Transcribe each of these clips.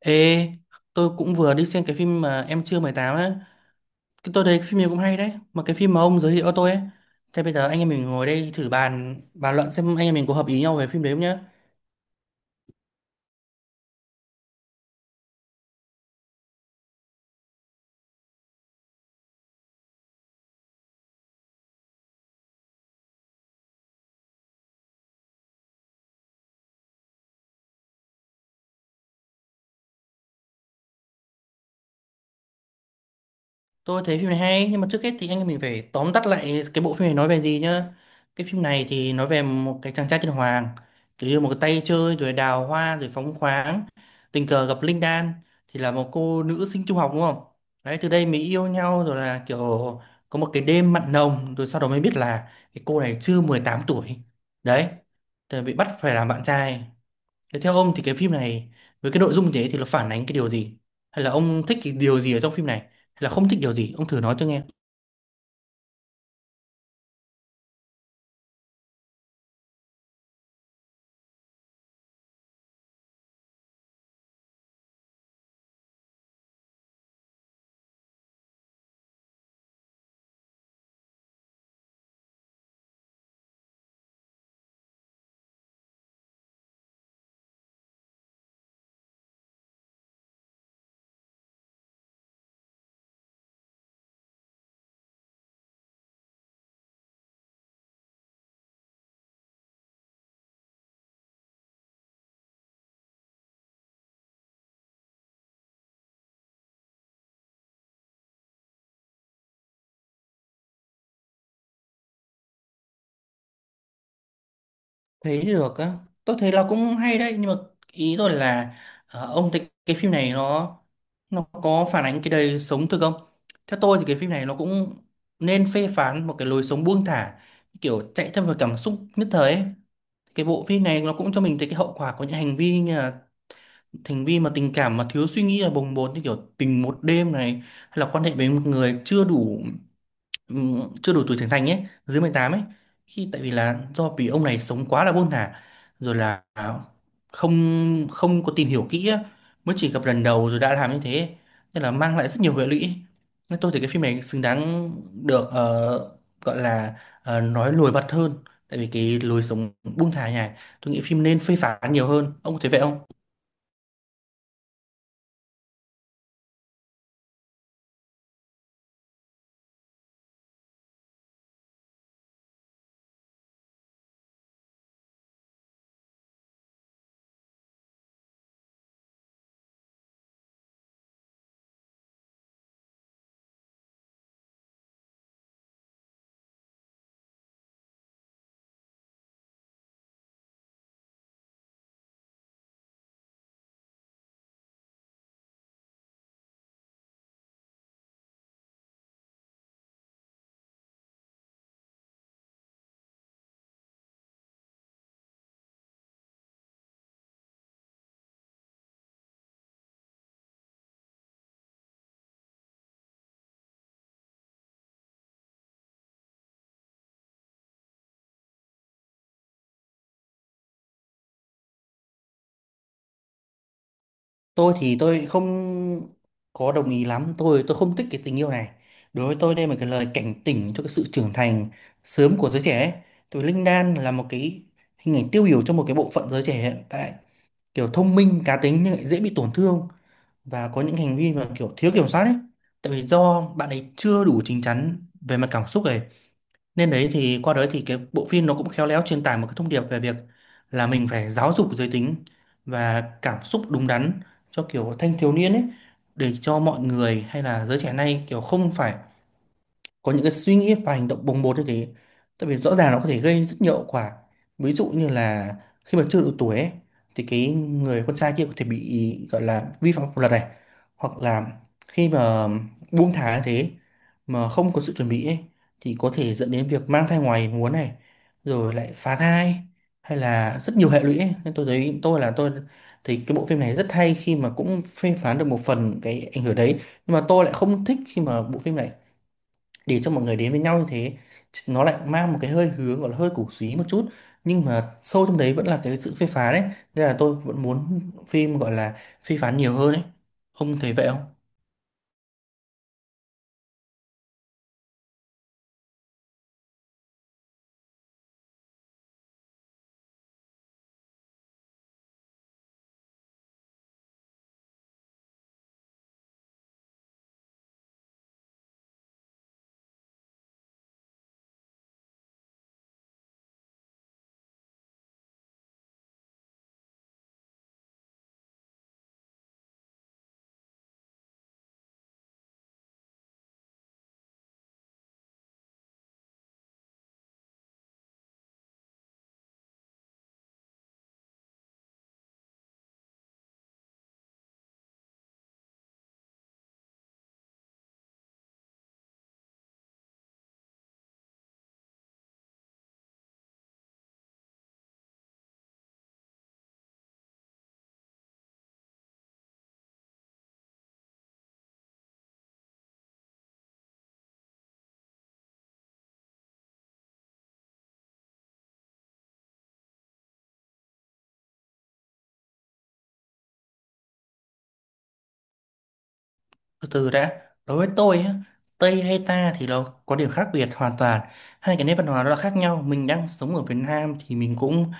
Ê, tôi cũng vừa đi xem cái phim mà Em chưa 18 á. Cái tôi thấy cái phim này cũng hay đấy. Mà cái phim mà ông giới thiệu cho tôi ấy. Thế bây giờ anh em mình ngồi đây thử bàn bàn luận xem anh em mình có hợp ý nhau về phim đấy không nhá. Tôi thấy phim này hay, nhưng mà trước hết thì anh em mình phải tóm tắt lại cái bộ phim này nói về gì nhá. Cái phim này thì nói về một cái chàng trai tên Hoàng, kiểu như một cái tay chơi rồi đào hoa rồi phóng khoáng, tình cờ gặp Linh Đan thì là một cô nữ sinh trung học, đúng không? Đấy, từ đây mới yêu nhau rồi là kiểu có một cái đêm mặn nồng, rồi sau đó mới biết là cái cô này chưa 18 tuổi. Đấy, rồi bị bắt phải làm bạn trai. Thế theo ông thì cái phim này với cái nội dung thế thì nó phản ánh cái điều gì? Hay là ông thích cái điều gì ở trong phim này? Hay là không thích điều gì? Ông thử nói tôi nghe. Thấy được á. Tôi thấy là cũng hay đấy, nhưng mà ý tôi là, ông thấy cái phim này nó có phản ánh cái đời sống thực không? Theo tôi thì cái phim này nó cũng nên phê phán một cái lối sống buông thả, kiểu chạy theo vào cảm xúc nhất thời ấy. Cái bộ phim này nó cũng cho mình thấy cái hậu quả của những hành vi, như là hành vi mà tình cảm mà thiếu suy nghĩ là bồng bột, như kiểu tình một đêm này, hay là quan hệ với một người chưa đủ, chưa đủ tuổi trưởng thành ấy, dưới 18 ấy, khi tại vì là do vì ông này sống quá là buông thả, rồi là không không có tìm hiểu kỹ á, mới chỉ gặp lần đầu rồi đã làm như thế, nên là mang lại rất nhiều hệ lụy. Nên tôi thấy cái phim này xứng đáng được, gọi là, nói lùi bật hơn. Tại vì cái lối sống buông thả này, tôi nghĩ phim nên phê phán nhiều hơn. Ông có thấy vậy không? Tôi thì tôi không có đồng ý lắm. Tôi không thích cái tình yêu này. Đối với tôi đây là một cái lời cảnh tỉnh cho cái sự trưởng thành sớm của giới trẻ ấy. Tại vì Linh Đan là một cái hình ảnh tiêu biểu cho một cái bộ phận giới trẻ hiện tại, kiểu thông minh cá tính nhưng lại dễ bị tổn thương, và có những hành vi mà kiểu thiếu kiểm soát ấy, tại vì do bạn ấy chưa đủ chín chắn về mặt cảm xúc này. Nên đấy, thì qua đấy thì cái bộ phim nó cũng khéo léo truyền tải một cái thông điệp về việc là mình phải giáo dục giới tính và cảm xúc đúng đắn cho kiểu thanh thiếu niên ấy, để cho mọi người hay là giới trẻ nay kiểu không phải có những cái suy nghĩ và hành động bồng bột như thế. Tại vì rõ ràng nó có thể gây rất nhiều hậu quả, ví dụ như là khi mà chưa đủ tuổi ấy, thì cái người con trai kia có thể bị gọi là vi phạm pháp luật này, hoặc là khi mà buông thả như thế mà không có sự chuẩn bị ấy, thì có thể dẫn đến việc mang thai ngoài muốn này, rồi lại phá thai, hay là rất nhiều hệ lụy ấy. Nên tôi thấy tôi là tôi thì cái bộ phim này rất hay khi mà cũng phê phán được một phần cái ảnh hưởng đấy, nhưng mà tôi lại không thích khi mà bộ phim này để cho mọi người đến với nhau như thế, nó lại mang một cái hơi hướng gọi là hơi cổ súy một chút, nhưng mà sâu trong đấy vẫn là cái sự phê phán ấy. Nên là tôi vẫn muốn phim gọi là phê phán nhiều hơn ấy. Ông thấy vậy không? Từ từ đã, đối với tôi á, Tây hay ta thì nó có điểm khác biệt hoàn toàn, hai cái nét văn hóa nó là khác nhau. Mình đang sống ở Việt Nam thì mình cũng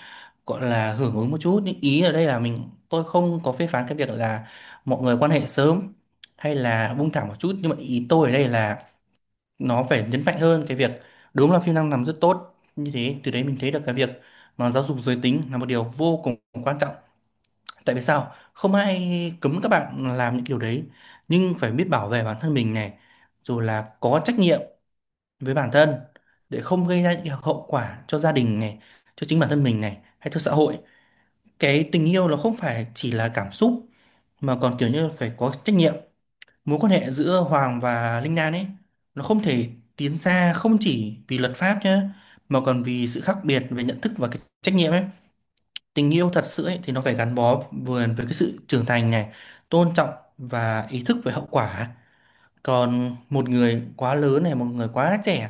gọi là hưởng ứng một chút, nhưng ý ở đây là mình, tôi không có phê phán cái việc là mọi người quan hệ sớm hay là buông thả một chút, nhưng mà ý tôi ở đây là nó phải nhấn mạnh hơn cái việc, đúng là phim đang làm rất tốt như thế, từ đấy mình thấy được cái việc mà giáo dục giới tính là một điều vô cùng quan trọng. Tại vì sao, không ai cấm các bạn làm những điều đấy, nhưng phải biết bảo vệ bản thân mình này, rồi là có trách nhiệm với bản thân để không gây ra những cái hậu quả cho gia đình này, cho chính bản thân mình này, hay cho xã hội. Cái tình yêu nó không phải chỉ là cảm xúc, mà còn kiểu như là phải có trách nhiệm. Mối quan hệ giữa Hoàng và Linh Đan ấy, nó không thể tiến xa, không chỉ vì luật pháp nhé, mà còn vì sự khác biệt về nhận thức và cái trách nhiệm ấy. Tình yêu thật sự ấy thì nó phải gắn bó vừa với cái sự trưởng thành này, tôn trọng, và ý thức về hậu quả. Còn một người quá lớn này, một người quá trẻ,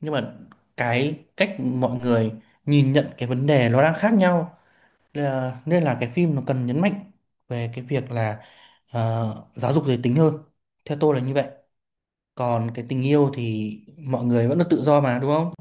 nhưng mà cái cách mọi người nhìn nhận cái vấn đề nó đang khác nhau. Nên là cái phim nó cần nhấn mạnh về cái việc là, giáo dục giới tính hơn, theo tôi là như vậy. Còn cái tình yêu thì mọi người vẫn là tự do mà, đúng không?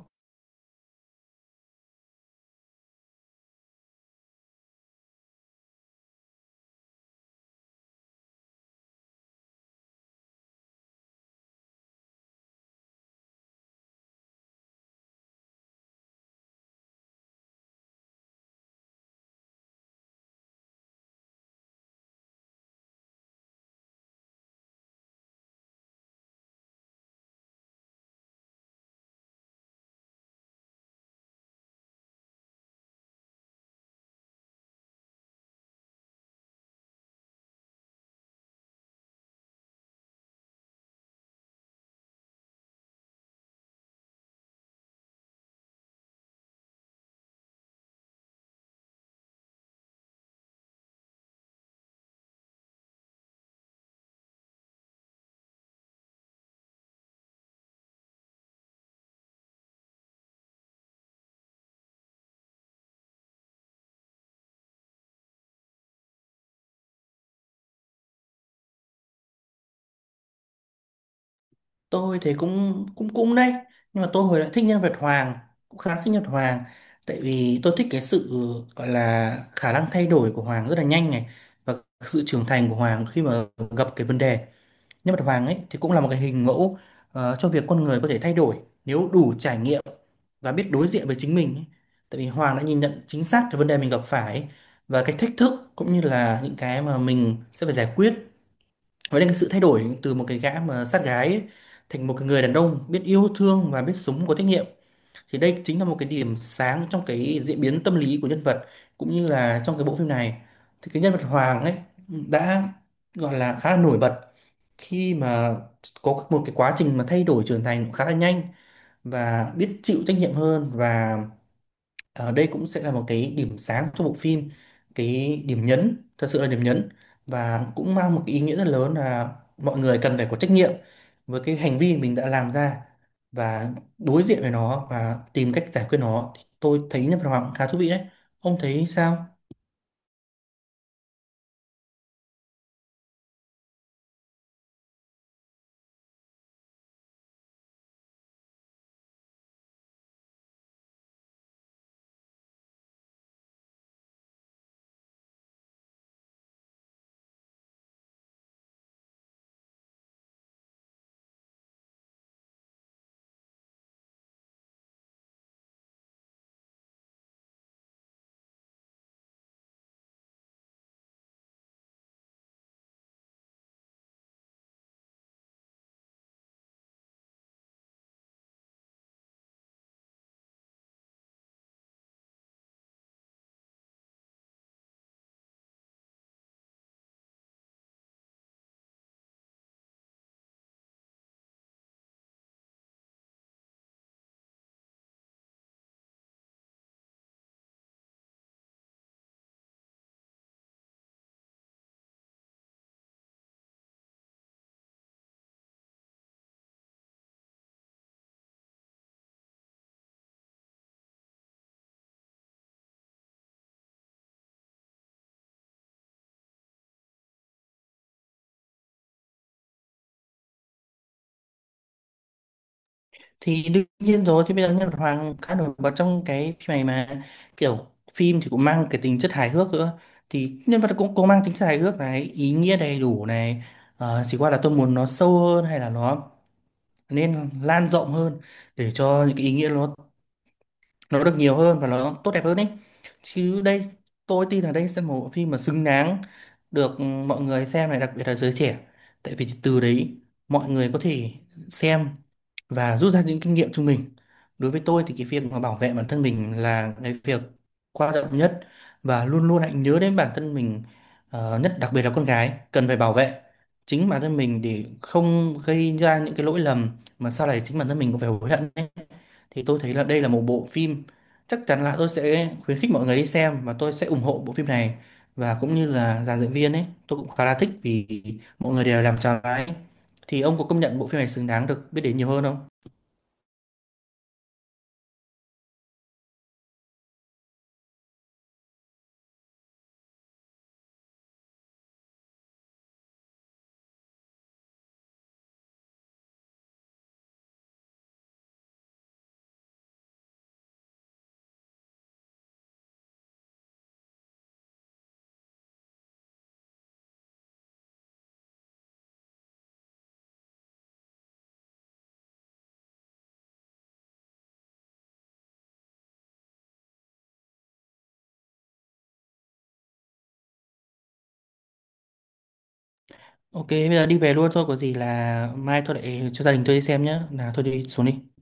Tôi thì cũng cũng cũng đấy, nhưng mà tôi hồi lại thích nhân vật Hoàng, cũng khá thích nhân vật Hoàng. Tại vì tôi thích cái sự gọi là khả năng thay đổi của Hoàng rất là nhanh này, và sự trưởng thành của Hoàng khi mà gặp cái vấn đề. Nhân vật Hoàng ấy thì cũng là một cái hình mẫu, cho việc con người có thể thay đổi nếu đủ trải nghiệm và biết đối diện với chính mình ấy. Tại vì Hoàng đã nhìn nhận chính xác cái vấn đề mình gặp phải ấy, và cái thách thức cũng như là những cái mà mình sẽ phải giải quyết. Nói đến cái sự thay đổi từ một cái gã mà sát gái ấy, thành một cái người đàn ông biết yêu thương và biết sống có trách nhiệm, thì đây chính là một cái điểm sáng trong cái diễn biến tâm lý của nhân vật, cũng như là trong cái bộ phim này. Thì cái nhân vật Hoàng ấy đã gọi là khá là nổi bật khi mà có một cái quá trình mà thay đổi trưởng thành khá là nhanh và biết chịu trách nhiệm hơn. Và đây cũng sẽ là một cái điểm sáng cho bộ phim, cái điểm nhấn, thật sự là điểm nhấn, và cũng mang một cái ý nghĩa rất lớn là mọi người cần phải có trách nhiệm với cái hành vi mình đã làm ra, và đối diện với nó và tìm cách giải quyết nó. Thì tôi thấy nhân vật Hoàng cũng khá thú vị đấy. Ông thấy sao? Thì đương nhiên rồi, thì bây giờ nhân vật Hoàng khá nổi bật trong cái phim này mà. Kiểu phim thì cũng mang cái tính chất hài hước nữa, thì nhân vật cũng cũng mang tính chất hài hước này, ý nghĩa đầy đủ này. Chỉ qua là tôi muốn nó sâu hơn, hay là nó nên lan rộng hơn, để cho những cái ý nghĩa nó được nhiều hơn và nó tốt đẹp hơn ấy. Chứ đây, tôi tin là đây sẽ là một bộ phim mà xứng đáng được, mọi người xem này, đặc biệt là giới trẻ. Tại vì từ đấy mọi người có thể xem và rút ra những kinh nghiệm cho mình. Đối với tôi thì cái việc mà bảo vệ bản thân mình là cái việc quan trọng nhất, và luôn luôn hãy nhớ đến bản thân mình, nhất đặc biệt là con gái cần phải bảo vệ chính bản thân mình để không gây ra những cái lỗi lầm mà sau này chính bản thân mình cũng phải hối hận ấy. Thì tôi thấy là đây là một bộ phim chắc chắn là tôi sẽ khuyến khích mọi người đi xem, và tôi sẽ ủng hộ bộ phim này, và cũng như là dàn dựng viên ấy tôi cũng khá là thích, vì mọi người đều làm tròn vai ấy. Thì ông có công nhận bộ phim này xứng đáng được biết đến nhiều hơn không? OK, bây giờ đi về luôn thôi, có gì là mai tôi lại cho gia đình tôi đi xem nhé, là tôi đi xuống đi.